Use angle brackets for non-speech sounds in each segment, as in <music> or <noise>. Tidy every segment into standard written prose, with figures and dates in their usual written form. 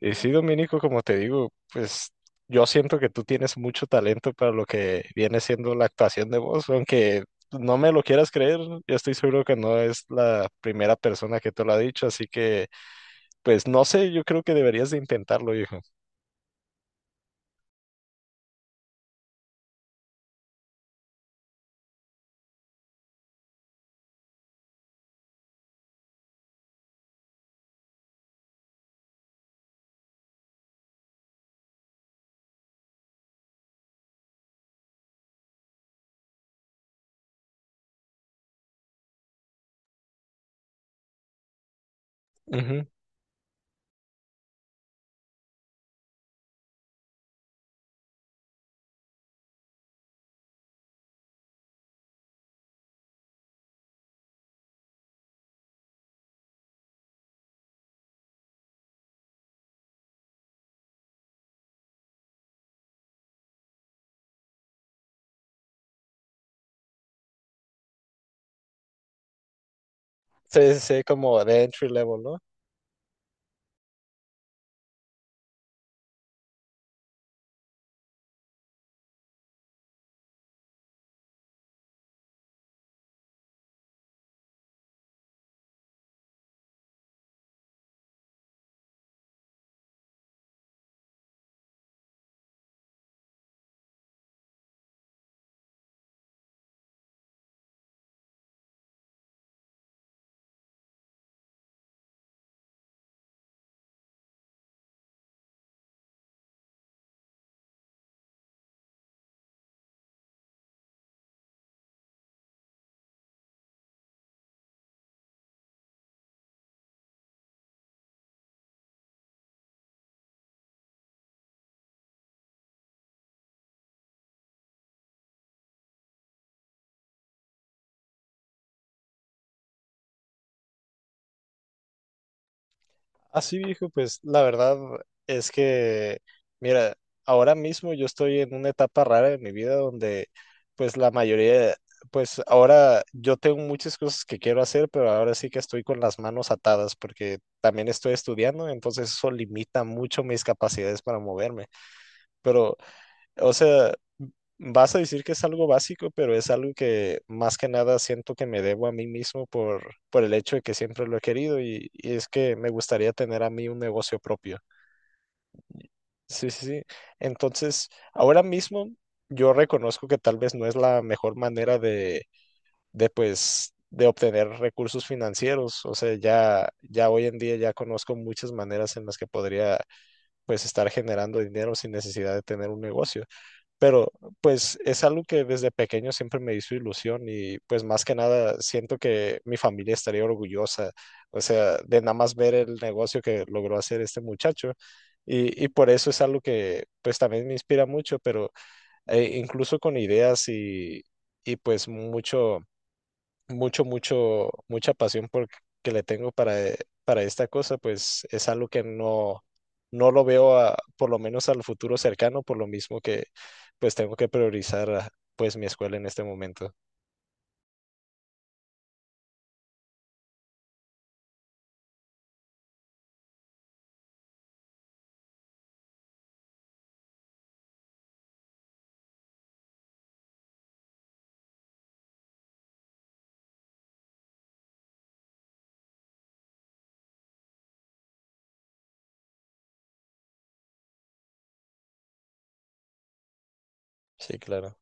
Y sí, Dominico, como te digo, pues yo siento que tú tienes mucho talento para lo que viene siendo la actuación de voz, aunque no me lo quieras creer, yo estoy seguro que no es la primera persona que te lo ha dicho, así que pues no sé, yo creo que deberías de intentarlo, hijo. Ujú. Sí, sí, como de entry level, ¿no? Así viejo, pues la verdad es que, mira, ahora mismo yo estoy en una etapa rara de mi vida donde, pues la mayoría, pues ahora yo tengo muchas cosas que quiero hacer, pero ahora sí que estoy con las manos atadas porque también estoy estudiando, entonces eso limita mucho mis capacidades para moverme. Pero o sea, vas a decir que es algo básico, pero es algo que más que nada siento que me debo a mí mismo por el hecho de que siempre lo he querido y es que me gustaría tener a mí un negocio propio. Sí, sí, sí. Entonces, ahora mismo yo reconozco que tal vez no es la mejor manera de pues, de obtener recursos financieros. O sea, ya, ya hoy en día ya conozco muchas maneras en las que podría, pues, estar generando dinero sin necesidad de tener un negocio. Pero pues es algo que desde pequeño siempre me hizo ilusión y pues más que nada siento que mi familia estaría orgullosa, o sea, de nada más ver el negocio que logró hacer este muchacho. Y por eso es algo que pues también me inspira mucho, pero incluso con ideas y pues mucha pasión por, que le tengo para esta cosa, pues es algo que no, no lo veo por lo menos al futuro cercano, por lo mismo que pues tengo que priorizar pues mi escuela en este momento. Sí, claro.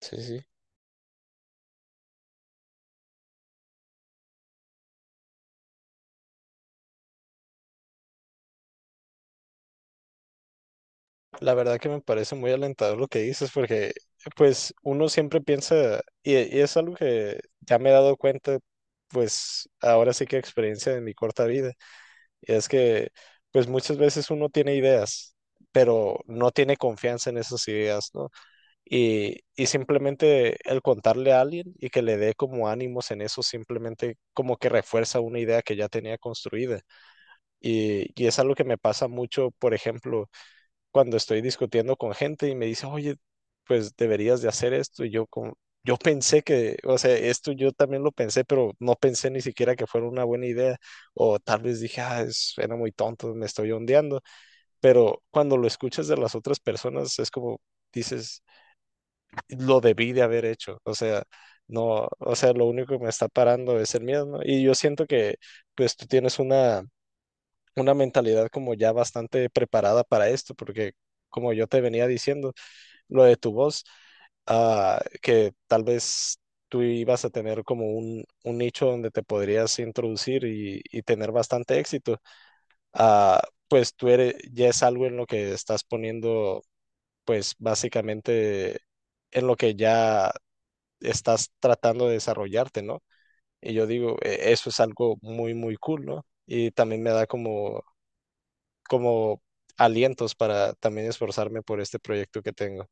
Sí, sí. La verdad que me parece muy alentador lo que dices, porque pues uno siempre piensa, y es algo que ya me he dado cuenta, pues ahora sí que experiencia de mi corta vida. Y es que, pues muchas veces uno tiene ideas, pero no tiene confianza en esas ideas, ¿no? Y simplemente el contarle a alguien y que le dé como ánimos en eso, simplemente como que refuerza una idea que ya tenía construida. Y es algo que me pasa mucho, por ejemplo, cuando estoy discutiendo con gente y me dice, oye, pues deberías de hacer esto. Y yo como, yo pensé que, o sea, esto yo también lo pensé, pero no pensé ni siquiera que fuera una buena idea. O tal vez dije, ah, es, era muy tonto, me estoy ondeando. Pero cuando lo escuchas de las otras personas, es como dices, lo debí de haber hecho. O sea, no, o sea, lo único que me está parando es el miedo, ¿no? Y yo siento que, pues, tú tienes una mentalidad como ya bastante preparada para esto, porque como yo te venía diciendo, lo de tu voz, ah, que tal vez tú ibas a tener como un nicho donde te podrías introducir y tener bastante éxito, ah, pues tú eres, ya es algo en lo que estás poniendo, pues básicamente en lo que ya estás tratando de desarrollarte, ¿no? Y yo digo, "E- eso es algo muy, muy cool, ¿no? Y también me da como, como alientos para también esforzarme por este proyecto que tengo.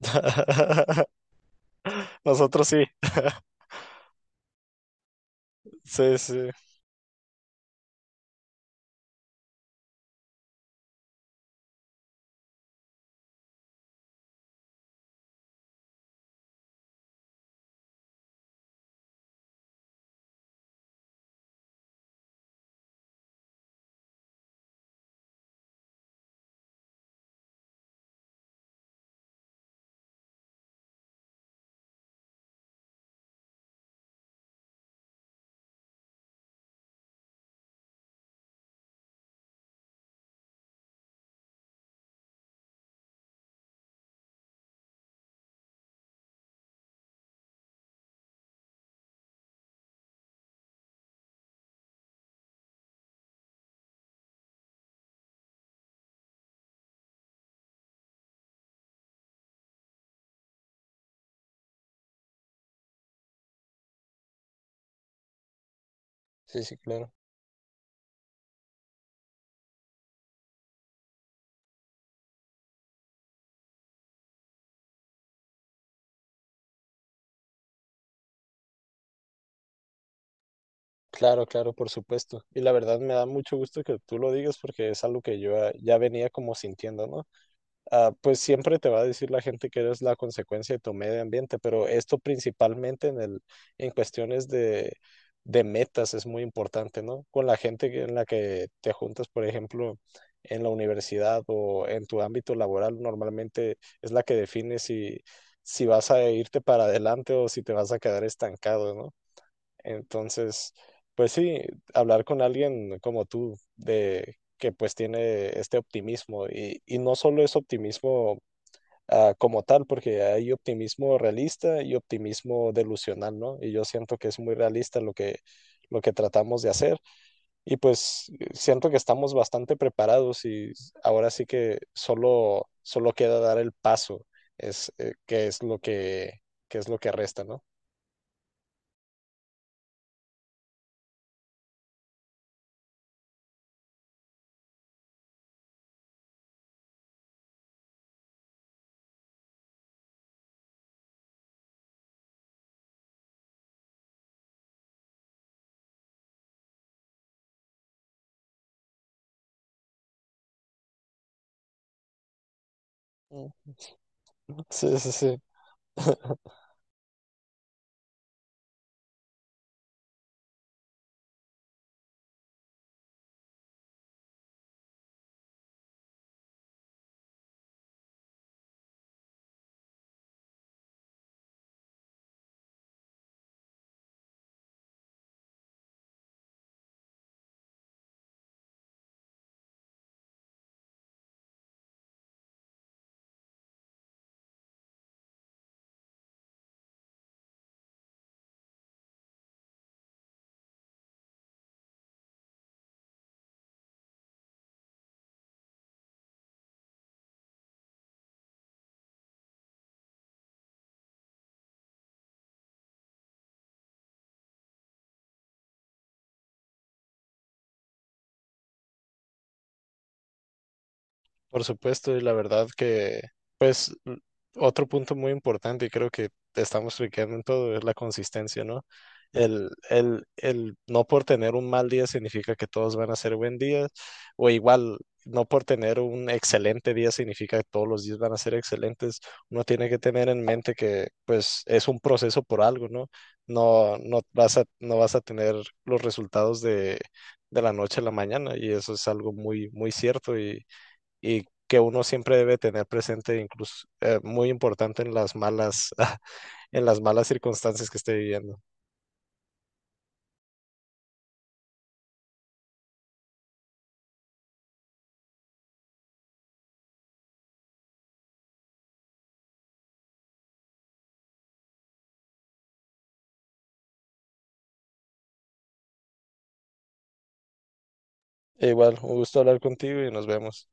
<laughs> Nosotros sí. Sí, sí. Sí, sí, claro. Claro, claro, por supuesto. Y la verdad me da mucho gusto que tú lo digas porque es algo que yo ya venía como sintiendo, ¿no? Ah, pues siempre te va a decir la gente que eres la consecuencia de tu medio ambiente, pero esto principalmente en el, en cuestiones de metas es muy importante, ¿no? Con la gente en la que te juntas, por ejemplo, en la universidad o en tu ámbito laboral, normalmente es la que define si, si vas a irte para adelante o si te vas a quedar estancado, ¿no? Entonces, pues sí, hablar con alguien como tú, de que pues tiene este optimismo y no solo es optimismo como tal, porque hay optimismo realista y optimismo delusional, ¿no? Y yo siento que es muy realista lo que tratamos de hacer y pues siento que estamos bastante preparados y ahora sí que solo, solo queda dar el paso, es, que es lo que es lo que resta, ¿no? Mm. Sí, sí, sí. Por supuesto, y la verdad que, pues, otro punto muy importante, y creo que estamos fliqueando en todo, es la consistencia, ¿no? El no por tener un mal día significa que todos van a ser buen día, o igual, no por tener un excelente día significa que todos los días van a ser excelentes. Uno tiene que tener en mente que, pues, es un proceso por algo, ¿no? No, no vas a, no vas a tener los resultados de la noche a la mañana, y eso es algo muy, muy cierto, y que uno siempre debe tener presente, incluso muy importante en las malas, <laughs> en las malas circunstancias que esté viviendo. E Igual, un gusto hablar contigo y nos vemos.